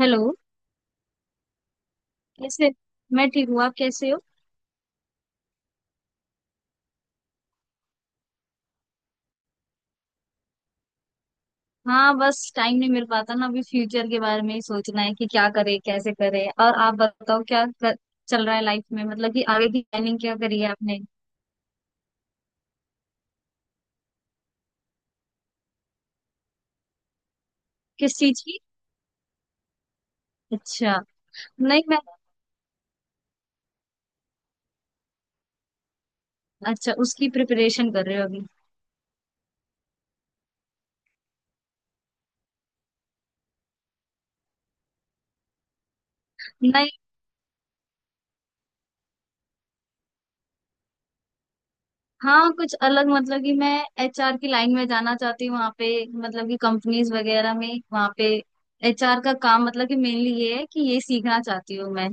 Hello. कैसे? मैं ठीक हूँ, आप कैसे हो? हाँ, बस टाइम नहीं मिल पाता ना, अभी फ्यूचर के बारे में ही सोचना है कि क्या करे कैसे करे। और आप बताओ, क्या चल रहा है लाइफ में? मतलब कि आगे की प्लानिंग क्या करी है आपने? किस चीज की? अच्छा। नहीं मैं। अच्छा उसकी प्रिपरेशन कर रहे हो अभी? नहीं, हाँ कुछ अलग मतलब कि मैं एचआर की लाइन में जाना चाहती हूँ वहाँ पे। मतलब कि कंपनीज वगैरह में वहाँ पे एचआर का काम, मतलब कि मेनली ये है कि ये सीखना चाहती हूँ मैं।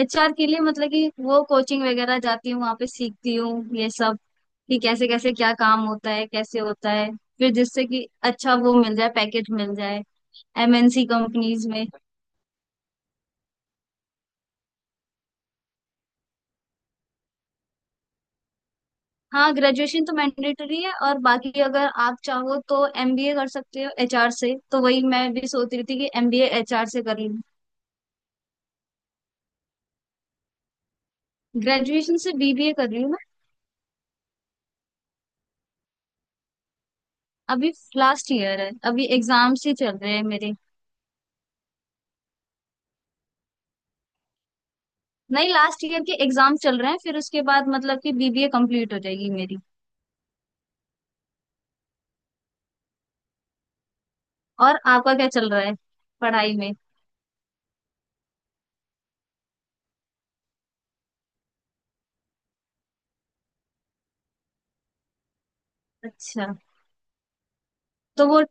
एचआर के लिए मतलब कि वो कोचिंग वगैरह जाती हूँ, वहां पे सीखती हूँ ये सब कि कैसे कैसे क्या काम होता है कैसे होता है। फिर जिससे कि अच्छा वो मिल जाए, पैकेज मिल जाए एमएनसी कंपनीज में। हाँ, ग्रेजुएशन तो मैंडेटरी है, और बाकी अगर आप चाहो तो एमबीए कर सकते हो एचआर से। तो वही मैं भी सोच रही थी कि एमबीए एचआर से कर लूँ। ग्रेजुएशन से बीबीए कर रही हूँ मैं अभी। लास्ट ईयर है, अभी एग्जाम्स ही चल रहे हैं मेरे। नहीं, लास्ट ईयर के एग्जाम चल रहे हैं, फिर उसके बाद मतलब कि बीबीए कंप्लीट हो जाएगी मेरी। और आपका क्या चल रहा है पढ़ाई में? अच्छा। तो वो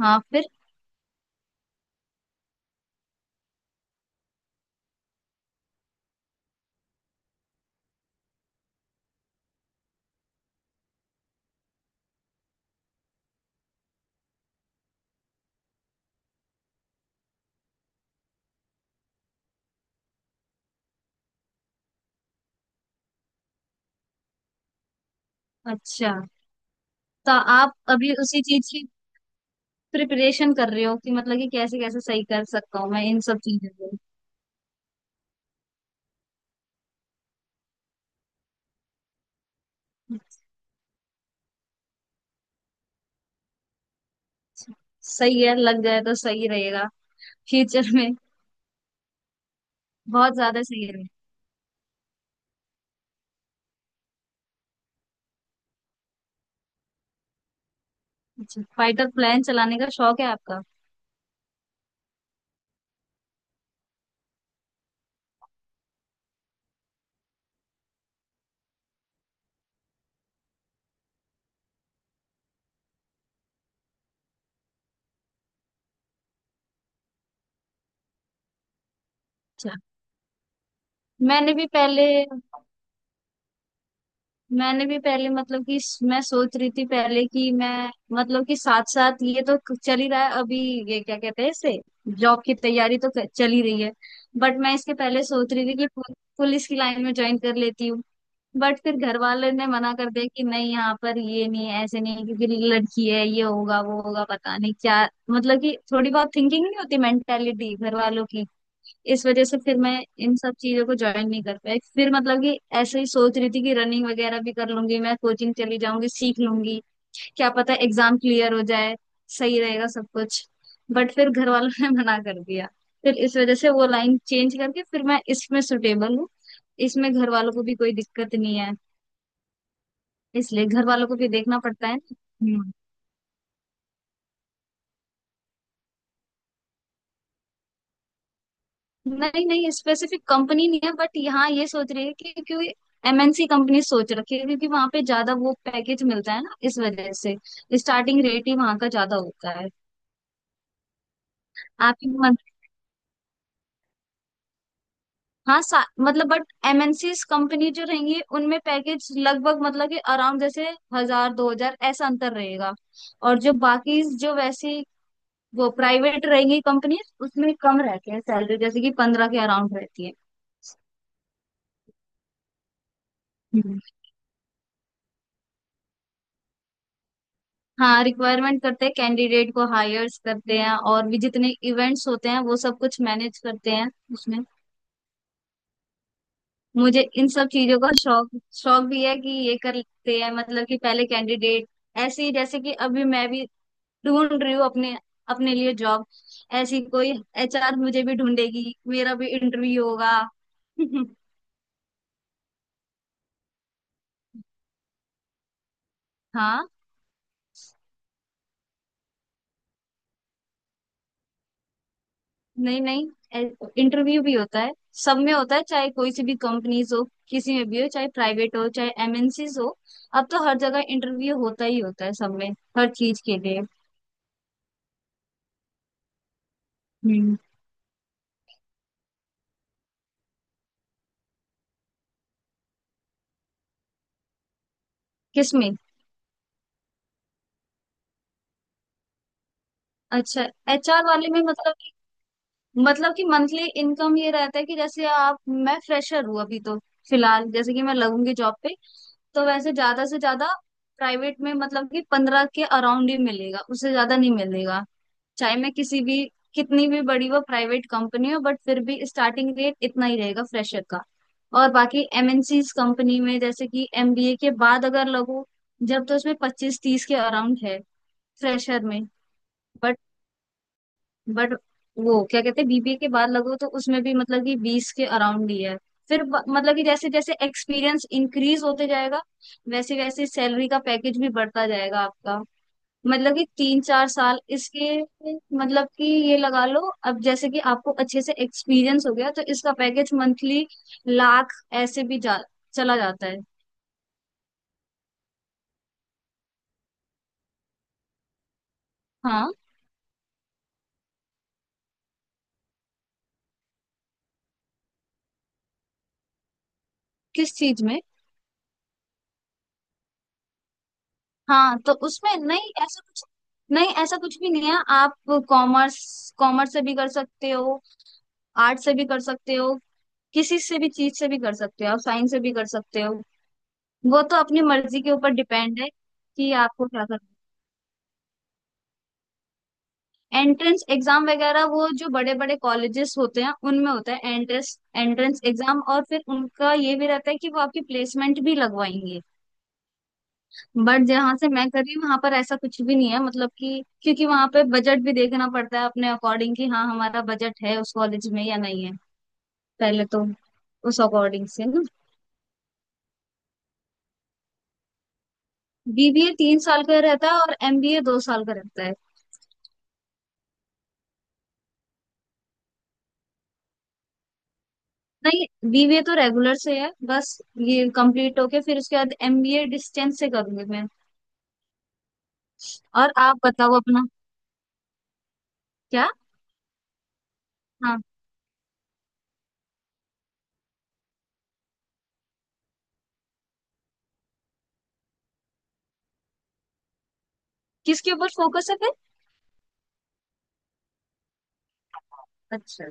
हाँ फिर। अच्छा तो आप अभी उसी चीज की प्रिपरेशन कर रहे हो कि मतलब कि कैसे कैसे सही कर सकता हूँ मैं इन सब चीजों को? अच्छा, सही है, लग जाए तो सही रहेगा फ्यूचर में। बहुत ज्यादा सही रहेगा। अच्छा, फाइटर प्लान चलाने का शौक है आपका? अच्छा। मैंने भी पहले, मैं सोच रही थी पहले कि मैं, मतलब कि साथ साथ ये तो चल ही रहा है अभी। ये क्या कहते हैं इसे, जॉब की तैयारी तो चल ही रही है। बट मैं इसके पहले सोच रही थी कि पुलिस की लाइन में ज्वाइन कर लेती हूँ। बट फिर घर वाले ने मना कर दिया कि नहीं, यहाँ पर ये नहीं है, ऐसे नहीं है, क्योंकि लड़की है, ये होगा वो होगा पता नहीं क्या। मतलब कि थोड़ी बहुत थिंकिंग नहीं होती, मेंटेलिटी घर वालों की। इस वजह से फिर मैं इन सब चीजों को ज्वाइन नहीं कर पाई। फिर मतलब कि ऐसे ही सोच रही थी कि रनिंग वगैरह भी कर लूंगी मैं, कोचिंग चली जाऊंगी, सीख लूंगी, क्या पता एग्जाम क्लियर हो जाए, सही रहेगा सब कुछ। बट फिर घर वालों ने मना कर दिया। फिर इस वजह से वो लाइन चेंज करके फिर मैं इसमें सुटेबल हूँ। इसमें घर वालों को भी कोई दिक्कत नहीं है, इसलिए घर वालों को भी देखना पड़ता है। नहीं नहीं, स्पेसिफिक कंपनी नहीं है, बट यहाँ ये सोच रही है कि क्योंकि एमएनसी कंपनी सोच रखी है, क्योंकि वहां पे ज्यादा वो पैकेज मिलता है ना, इस वजह से स्टार्टिंग रेट ही वहां का ज्यादा होता है। आपकी मन हाँ मतलब बट एमएनसी कंपनी जो रहेंगी उनमें पैकेज लगभग मतलब कि अराउंड जैसे हजार दो हजार ऐसा अंतर रहेगा। और जो बाकी जो वैसी वो प्राइवेट रहेंगी कंपनी, उसमें कम रहती है सैलरी, जैसे कि पंद्रह के अराउंड रहती है। हाँ, रिक्वायरमेंट करते हैं, कैंडिडेट को हायर्स करते हैं, और भी जितने इवेंट्स होते हैं वो सब कुछ मैनेज करते हैं उसमें। मुझे इन सब चीजों का शौक, शौक भी है कि ये करते हैं मतलब कि पहले कैंडिडेट। ऐसे ही जैसे कि अभी मैं भी ढूंढ रही हूँ अपने, अपने लिए जॉब, ऐसी कोई एचआर मुझे भी ढूंढेगी, मेरा भी इंटरव्यू होगा। हाँ। नहीं नहीं, इंटरव्यू भी होता है, सब में होता है, चाहे कोई सी भी कंपनीज हो, किसी में भी हो, चाहे प्राइवेट हो चाहे एमएनसीज हो, अब तो हर जगह इंटरव्यू होता ही होता है सब में, हर चीज के लिए। हम्म। किसमें? अच्छा, एचआर वाले में मतलब कि, मतलब कि मंथली इनकम ये रहता है कि जैसे आप, मैं फ्रेशर हूँ अभी तो फिलहाल जैसे कि मैं लगूंगी जॉब पे तो वैसे ज्यादा से ज्यादा प्राइवेट में मतलब कि पंद्रह के अराउंड ही मिलेगा, उससे ज्यादा नहीं मिलेगा, चाहे मैं किसी भी, कितनी भी बड़ी वो प्राइवेट कंपनी हो, बट फिर भी स्टार्टिंग रेट इतना ही रहेगा फ्रेशर का। और बाकी एमएनसीज कंपनी में जैसे कि एमबीए के बाद अगर लगो जब, तो उसमें पच्चीस तीस के अराउंड है फ्रेशर में। बट बट वो क्या कहते हैं, बीबीए के बाद लगो तो उसमें भी मतलब कि बीस के अराउंड ही है। फिर मतलब कि जैसे जैसे एक्सपीरियंस इंक्रीज होते जाएगा वैसे वैसे सैलरी का पैकेज भी बढ़ता जाएगा आपका। मतलब कि तीन चार साल इसके मतलब कि ये लगा लो, अब जैसे कि आपको अच्छे से एक्सपीरियंस हो गया तो इसका पैकेज मंथली लाख ऐसे भी जा, चला जाता है। हाँ। किस चीज में? हाँ तो उसमें नहीं ऐसा कुछ, नहीं ऐसा कुछ भी नहीं है आप। कॉमर्स, कॉमर्स से भी कर सकते हो, आर्ट से भी कर सकते हो, किसी से भी चीज से भी कर सकते हो, आप साइंस से भी कर सकते हो। वो तो अपनी मर्जी के ऊपर डिपेंड है कि आपको क्या करना है। एंट्रेंस एग्जाम वगैरह वो जो बड़े बड़े कॉलेजेस होते हैं उनमें होता है एंट्रेंस, एंट्रेंस एग्जाम, और फिर उनका ये भी रहता है कि वो आपकी प्लेसमेंट भी लगवाएंगे। बट जहाँ से मैं कर रही हूँ वहां पर ऐसा कुछ भी नहीं है, मतलब कि क्योंकि वहां पे बजट भी देखना पड़ता है अपने अकॉर्डिंग कि हाँ हमारा बजट है उस कॉलेज में या नहीं है पहले तो, उस अकॉर्डिंग से ना। बीबीए तीन साल का रहता है और एमबीए दो साल का रहता है। नहीं, बीबीए तो रेगुलर से है बस, ये कंप्लीट होके फिर उसके बाद एमबीए डिस्टेंस से करूंगी मैं। और आप बताओ अपना। क्या? हाँ। किसके ऊपर फोकस है फिर? अच्छा।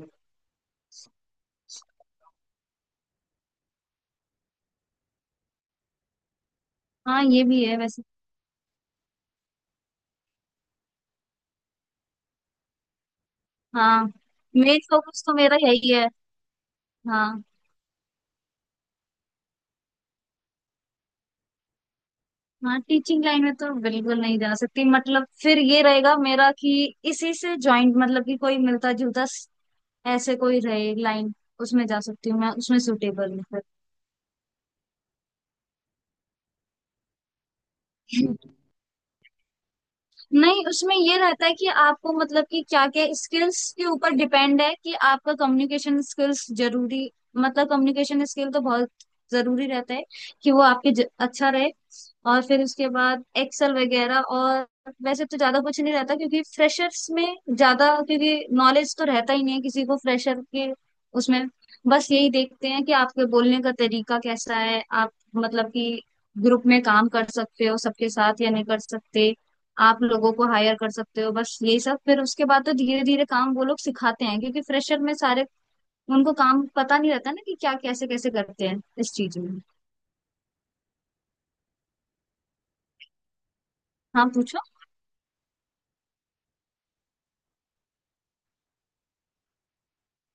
हाँ ये भी है वैसे। हाँ, मेन फोकस तो मेरा है ही है। हाँ। हाँ टीचिंग लाइन में तो बिल्कुल नहीं जा सकती, मतलब फिर ये रहेगा मेरा कि इसी से ज्वाइंट मतलब कि कोई मिलता जुलता ऐसे कोई रहे लाइन उसमें जा सकती हूँ मैं, उसमें सुटेबल हूँ फिर। नहीं, उसमें ये रहता है कि आपको मतलब कि क्या क्या स्किल्स के ऊपर डिपेंड है कि आपका कम्युनिकेशन स्किल्स जरूरी, मतलब कम्युनिकेशन स्किल तो बहुत जरूरी रहता है कि वो आपके अच्छा रहे। और फिर उसके बाद एक्सेल वगैरह। और वैसे तो ज्यादा कुछ नहीं रहता क्योंकि फ्रेशर्स में ज्यादा, क्योंकि नॉलेज तो रहता ही नहीं है किसी को फ्रेशर के, उसमें बस यही देखते हैं कि आपके बोलने का तरीका कैसा है, आप मतलब कि ग्रुप में काम कर सकते हो सबके साथ या नहीं कर सकते, आप लोगों को हायर कर सकते हो, बस यही सब। फिर उसके बाद तो धीरे धीरे काम वो लोग सिखाते हैं, क्योंकि फ्रेशर में सारे उनको काम पता नहीं रहता ना कि क्या कैसे कैसे करते हैं इस चीज में। हाँ पूछो।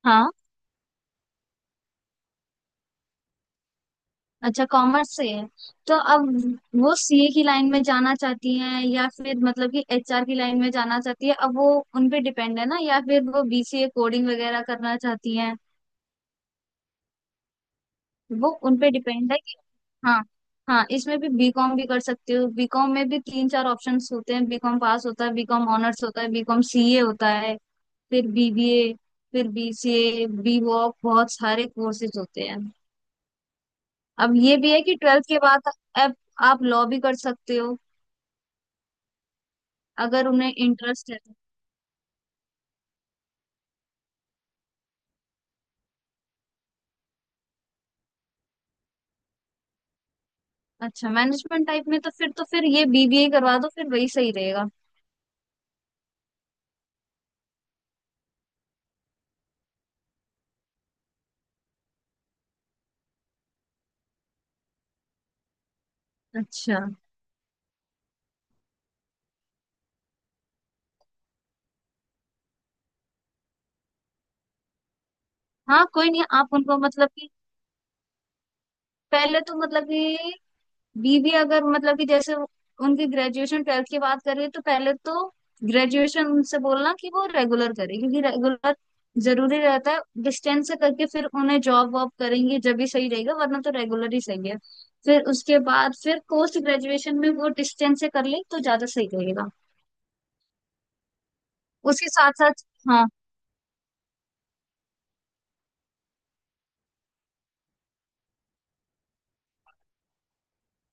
हाँ, अच्छा कॉमर्स से है। तो अब वो सीए की लाइन में जाना चाहती हैं या फिर मतलब कि एचआर की लाइन में जाना चाहती है, अब वो उन पे डिपेंड है ना, या फिर वो बीसीए कोडिंग वगैरह करना चाहती हैं। वो उनपे डिपेंड है कि। हाँ। हाँ इसमें भी बीकॉम भी कर सकते हो, बीकॉम में भी तीन चार ऑप्शंस होते हैं, बीकॉम पास होता है, बीकॉम ऑनर्स होता है, बीकॉम सीए होता है, फिर बीबीए, फिर बीसीए, बीवॉक, बहुत सारे कोर्सेज होते हैं। अब ये भी है कि ट्वेल्थ के बाद अब आप लॉ भी कर सकते हो अगर उन्हें इंटरेस्ट है तो। अच्छा, मैनेजमेंट टाइप में तो फिर, तो फिर ये बीबीए करवा दो, फिर वही सही रहेगा। अच्छा। हाँ कोई नहीं, आप उनको मतलब कि पहले तो मतलब कि बीबी अगर मतलब कि जैसे उनकी ग्रेजुएशन ट्वेल्थ की बात करें तो पहले तो ग्रेजुएशन उनसे बोलना कि वो रेगुलर करे, क्योंकि रेगुलर जरूरी रहता है, डिस्टेंस से करके फिर उन्हें जॉब वॉब करेंगे जब भी सही रहेगा, वरना तो रेगुलर ही सही है। फिर उसके बाद फिर पोस्ट ग्रेजुएशन में वो डिस्टेंस से कर ले तो ज्यादा सही रहेगा। उसके साथ साथ हाँ।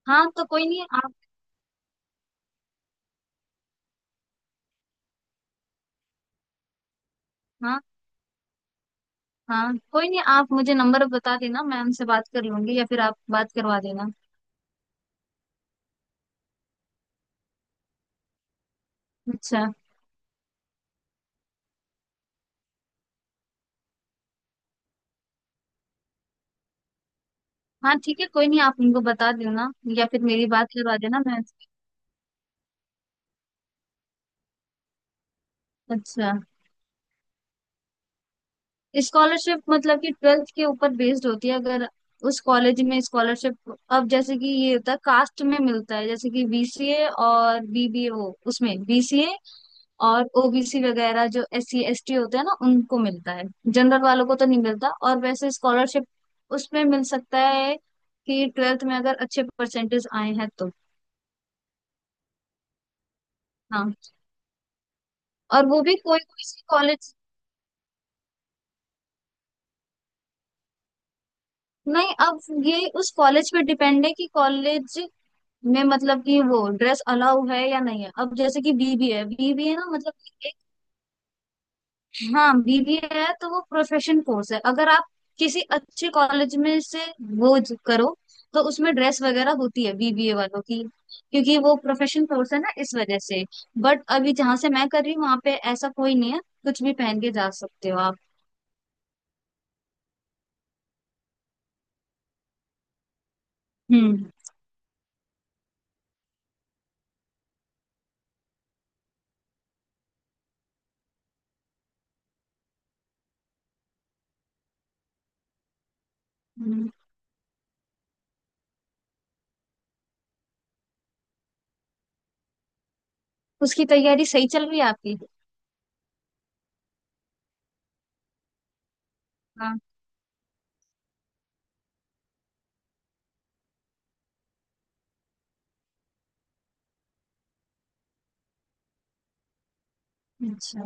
हाँ तो कोई नहीं आप। हाँ, हाँ कोई नहीं, आप मुझे नंबर बता देना, मैम से बात कर लूंगी, या फिर आप बात करवा देना। अच्छा। हाँ ठीक है, कोई नहीं, आप उनको बता देना। या फिर मेरी बात करवा देना मैं। अच्छा, स्कॉलरशिप मतलब कि ट्वेल्थ के ऊपर बेस्ड होती है अगर उस कॉलेज में स्कॉलरशिप, अब जैसे कि ये होता है कास्ट में मिलता है, जैसे कि बीसीए और बीबीए वो उसमें बीसीए और ओबीसी वगैरह जो एस सी एस टी होते हैं ना उनको मिलता है, जनरल वालों को तो नहीं मिलता। और वैसे स्कॉलरशिप उसमें मिल सकता है कि ट्वेल्थ में अगर अच्छे परसेंटेज आए हैं तो। हाँ। और वो भी कोई कोई से कॉलेज। नहीं अब, ये उस कॉलेज पे डिपेंड है कि कॉलेज में मतलब कि वो ड्रेस अलाउ है या नहीं है, अब जैसे कि बीबीए है, बीबीए ना मतलब कि एक, हाँ बीबीए है तो वो प्रोफेशन कोर्स है। अगर आप किसी अच्छे कॉलेज में से वो करो तो उसमें ड्रेस वगैरह होती है बीबीए वालों की, क्योंकि वो प्रोफेशन कोर्स है ना इस वजह से। बट अभी जहां से मैं कर रही हूँ वहां पे ऐसा कोई नहीं है, कुछ भी पहन के जा सकते हो आप। हम्म। हम्म। उसकी तैयारी सही चल रही है आपकी? हाँ। अच्छा,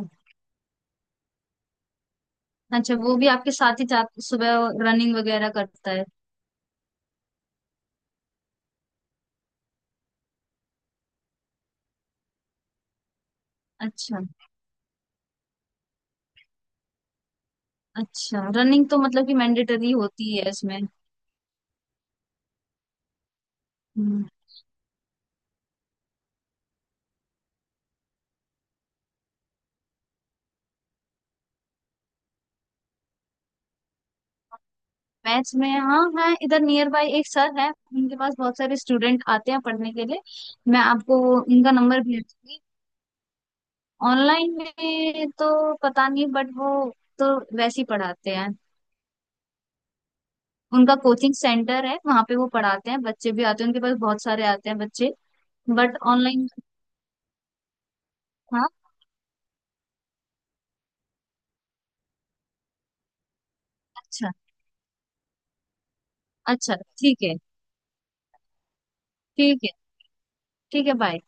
अच्छा वो भी आपके साथ ही जात सुबह रनिंग वगैरह करता है? अच्छा। अच्छा रनिंग तो मतलब कि मैंडेटरी होती है इसमें? हम्म। मैथ्स में हाँ है, इधर नियर बाय एक सर है, उनके पास बहुत सारे स्टूडेंट आते हैं पढ़ने के लिए। मैं आपको उनका नंबर भेज दूंगी। ऑनलाइन में तो पता नहीं, बट वो तो वैसे ही पढ़ाते हैं। उनका कोचिंग सेंटर है, वहां पे वो पढ़ाते हैं, बच्चे भी आते हैं उनके पास, बहुत सारे आते हैं बच्चे। But online. हाँ। अच्छा। अच्छा। ठीक है। ठीक है। ठीक है बाय।